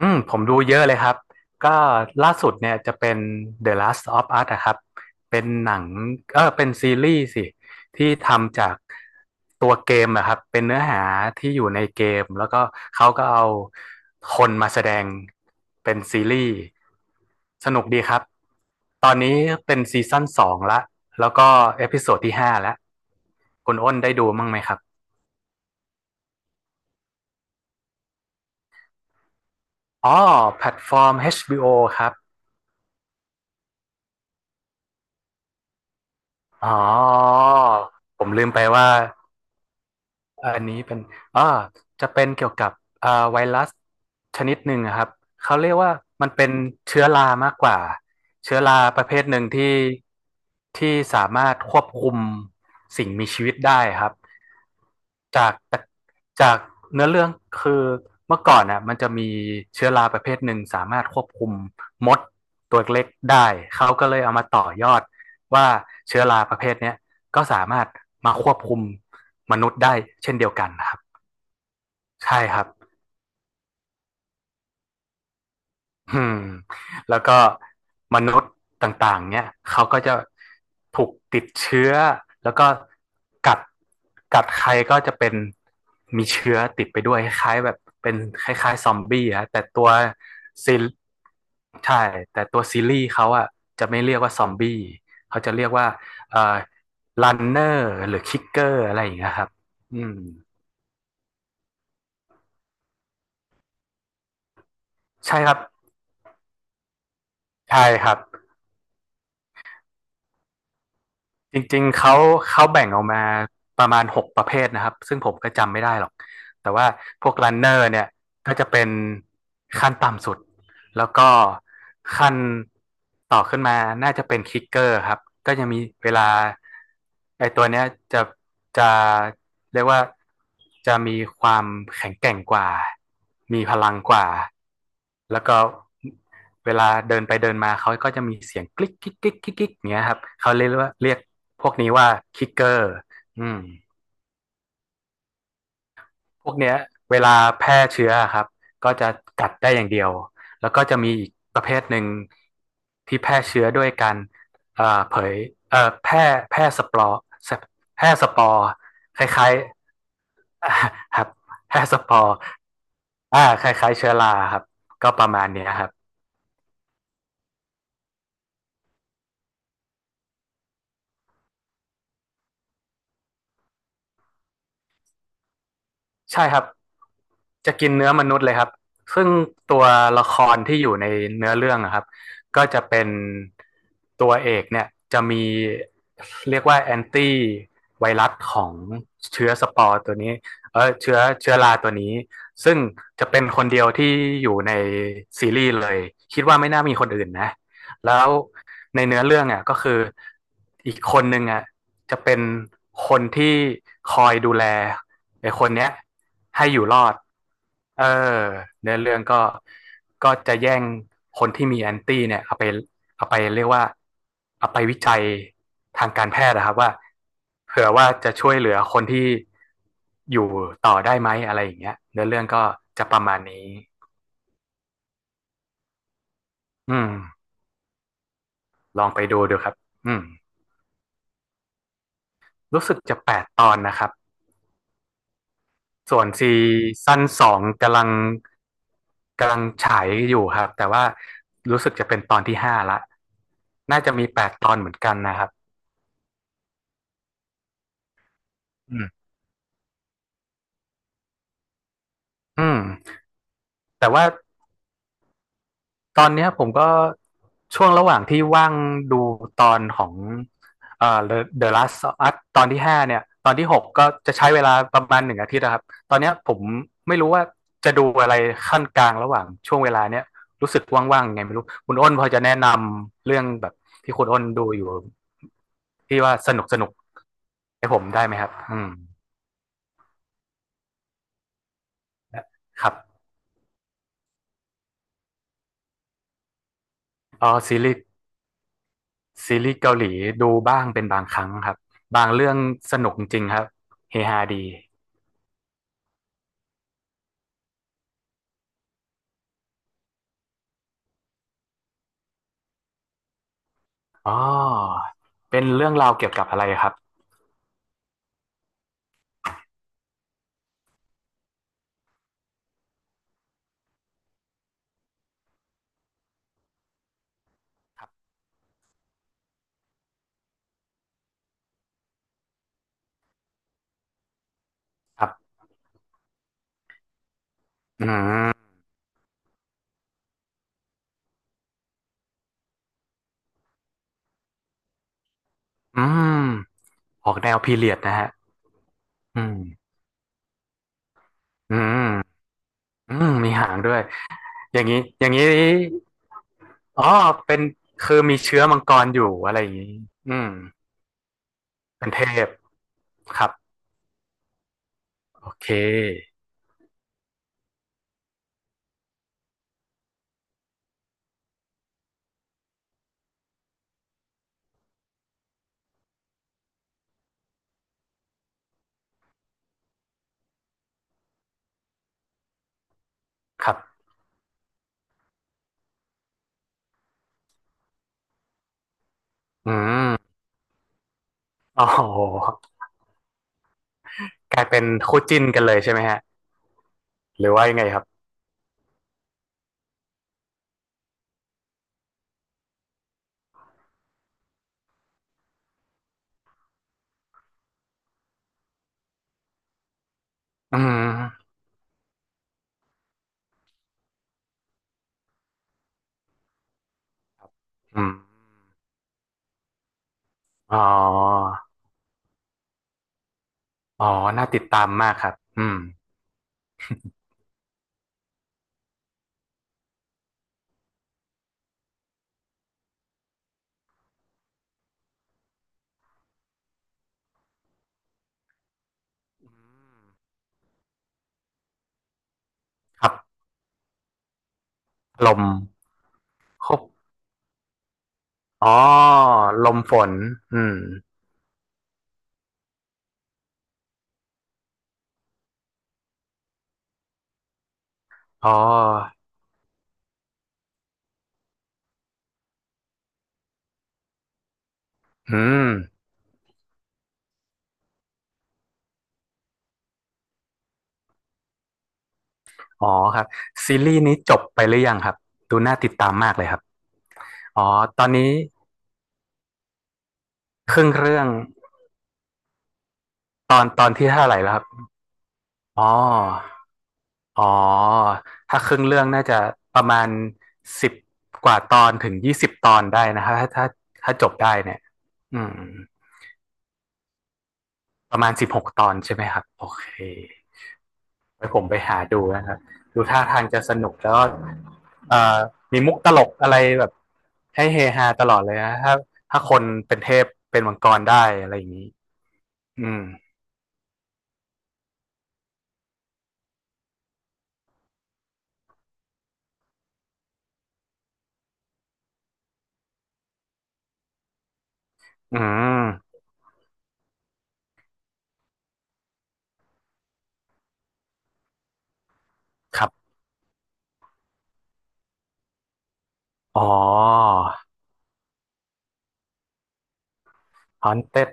อืมผมดูเยอะเลยครับก็ล่าสุดเนี่ยจะเป็น The Last of Us นะครับเป็นหนังเป็นซีรีส์สิที่ทำจากตัวเกมนะครับเป็นเนื้อหาที่อยู่ในเกมแล้วก็เขาก็เอาคนมาแสดงเป็นซีรีส์สนุกดีครับตอนนี้เป็นซีซั่นสองละแล้วก็เอพิโซดที่ห้าแล้วคุณอ้นได้ดูมั้งไหมครับอ๋อแพลตฟอร์ม HBO ครับ อ๋อ ผมลืมไปว่า อันนี้เป็นอ่าจะเป็นเกี่ยวกับไวรัสชนิดหนึ่งอะครับเขาเรียกว่ามันเป็นเชื้อรามากกว่าเชื้อราประเภทหนึ่งที่สามารถควบคุมสิ่งมีชีวิตได้ครับจากจากเนื้อเรื่องคือเมื่อก่อนน่ะมันจะมีเชื้อราประเภทหนึ่งสามารถควบคุมมดตัวเล็กได้เขาก็เลยเอามาต่อยอดว่าเชื้อราประเภทเนี้ยก็สามารถมาควบคุม มนุษย์ได้เช่นเดียวกันนะครับใช่ครับอืมแล้วก็มนุษย์ต่างๆเนี่ยเขาก็จะถูกติดเชื้อแล้วก็กัดใครก็จะเป็นมีเชื้อติดไปด้วยคล้ายๆแบบเป็นคล้ายๆซอมบี้ฮะแต่ตัวซีใช่แต่ตัวซีรีส์เขาอะจะไม่เรียกว่าซอมบี้เขาจะเรียกว่าเอ่อรันเนอร์หรือคิกเกอร์อะไรอย่างเงี้ยครับอืมใช่ครับใช่ครับ จริงๆเขาแบ่งออกมาประมาณหกประเภทนะครับซึ่งผมก็จำไม่ได้หรอกแต่ว่าพวกรันเนอร์เนี่ยก็จะเป็นขั้นต่ำสุด แล้วก็ขั้นต่อขึ้นมาน่าจะเป็นคิกเกอร์ครับก็จะมีเวลาไอ้ตัวเนี้ยจะจะเรียกว่าจะมีความแข็งแกร่งกว่ามีพลังกว่าแล้วก็เวลาเดินไปเดินมาเขาก็จะมีเสียงกลิ๊กกิ๊กกิ๊กกิ๊กอย่างเงี้ยครับเขาเรียกว่าเรียกพวกนี้ว่าคิกเกอร์อืม พวกเนี้ยเวลาแพร่เชื้ออะครับก็จะกัดได้อย่างเดียวแล้วก็จะมีอีกประเภทหนึ่งที่แพร่เชื้อด้วยการเอ่อเผยเอ่อแพร่แพร่สปอร์แพร่สปอร์คล้ายๆ อ่าครับแพร่สปอร์อ่าคล้ายๆเชื้อราครับก็ประมาณเนี้ยครับ ใช่ครับจะกินเนื้อมนุษย์เลยครับซึ่งตัวละครที่อยู่ในเนื้อเรื่องอะครับก็จะเป็นตัวเอกเนี่ยจะมีเรียกว่าแอนตี้ไวรัสของเชื้อสปอร์ตัวนี้เชื้อราตัวนี้ซึ่งจะเป็นคนเดียวที่อยู่ในซีรีส์เลยคิดว่าไม่น่ามีคนอื่นนะแล้ว ในเนื้อเรื่องอ่ะก็คืออีกคนหนึงอ่ะจะเป็นคนที่คอยดูแลไอ้คนเนี้ยให้อยู่รอดเออเนื้อเรื่องก็จะแย่งคนที่มีแอนตี้เนี่ยเอาไปเรียกว่าเอาไปวิจัยทางการแพทย์นะครับว่าเผื่อว่าจะช่วยเหลือคนที่อยู่ต่อได้ไหมอะไรอย่างเงี้ยเนื้อเรื่องก็จะประมาณนี้อืมลองไปดูดูครับอืมรู้สึกจะแปดตอนนะครับ ส่วนซีซั่นสองกำลังฉายอยู่ครับแต่ว่ารู้สึกจะเป็นตอนที่ห้าละน่าจะมีแปดตอนเหมือนกันนะครับอืมอืมแต่ว่า ตอนเนี้ยผมก็ช่วงระหว่างที่ว่างดูตอนของThe Last of Us ตอนที่ห้าเนี่ยตอนที่หกก็จะใช้เวลาประมาณหนึ่งอาทิตย์นะครับตอนเนี้ยผมไม่รู้ว่าจะดูอะไรขั้นกลางระหว่างช่วงเวลาเนี้ยรู้สึกว่างๆยังไงไม่รู้คุณอ้นพอจะแนะนำเรื่องแบบที่คุณอ้นดูอยู่ที่ว่าสนุกสนุกให้ผมได้ไหมครับอืมครับอ๋อซีรีส์ ซีรีส์เกาหลีดูบ้างเป็นบางครั้งครับบางเรื่องสนุกจริงครับเฮฮาดีอ๋อเป็นเรื่องราวเกี่ยวกับอะไรครับครับอืมอืมออกแนวพีเรียดนะฮะอืมอืมอืมมีหางด้วยอย่างนี้อย่างนี้อ๋อเป็นคือมีเชื้อมังกรอยู่อะไรอย่างนี้อืมเป็นเทพครับโอเคครับอืมอ๋อกลายเป็นคู่จิ้นกันเลยใช่ไหมฮะหรือว่ายังไงครับอืม อืมอ๋ออ๋อน่าติดตามมากครับอืมครับลมครบอ๋อลมฝนอืมอ๋ออืมอ๋อครับซีรีส์นี้จบไปหรือยังครับดูน่าติดตามมากเลยครับอ๋อตอนนี้ครึ่งเรื่องตอนที่เท่าไหร่แล้วครับ อ๋ออ๋อถ้าครึ่งเรื่องน่าจะประมาณสิบกว่าตอนถึงยี่สิบตอนได้นะครับถ้าจบได้เนี่ยอืม ประมาณสิบหกตอนใช่ไหมครับโอเคไว้ผมไปหาดูนะครับดูท่าทางจะสนุกแล้วก็เอ่อมีมุกตลกอะไรแบบให้เฮฮาตลอดเลยนะถ้าคนเป็นเทพเป็นมังกรได้อะไรอย่างนี้อืมอืมครับอ๋อ Haunted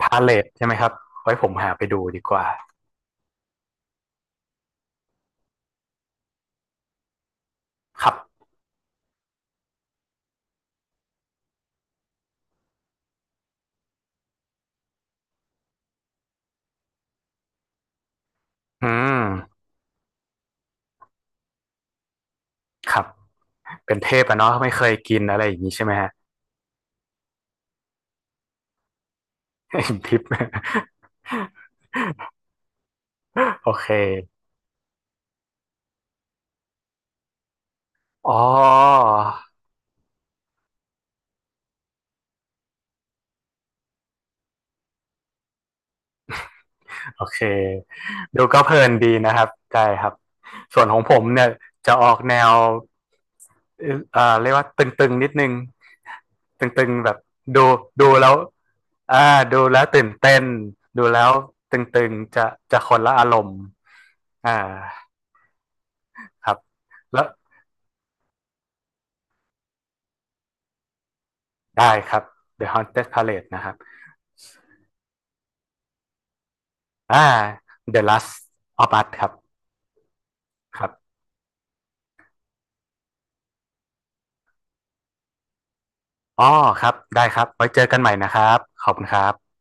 Palace ใช่ไหมครับไว้ผมหาไปดูดีกว่าครับอืมครับเป็นเทพอะเนาะไม่เคยกินอะไรอย่างนี้ใช่ไหมฮะ ทิป โอเคอ๋อ โอเคดูก็เพลินดีนะครับใช่ครับส่วนของผมเนี่ยจะออกแนวเรียกว่าตึงๆนิดนึงตึงๆแบบดูดูแล้วอ่าดูแล้วตื่นเต้นดูแล้วตึงๆจะคนละอารมณ์อ่าครับแล้วได้ครับ The Haunted Palace นะครับอ่า The Last of Us ครับครับอ๋อครับได้ครับไว้เจอกันใหม่นะครับขอบคุณครับ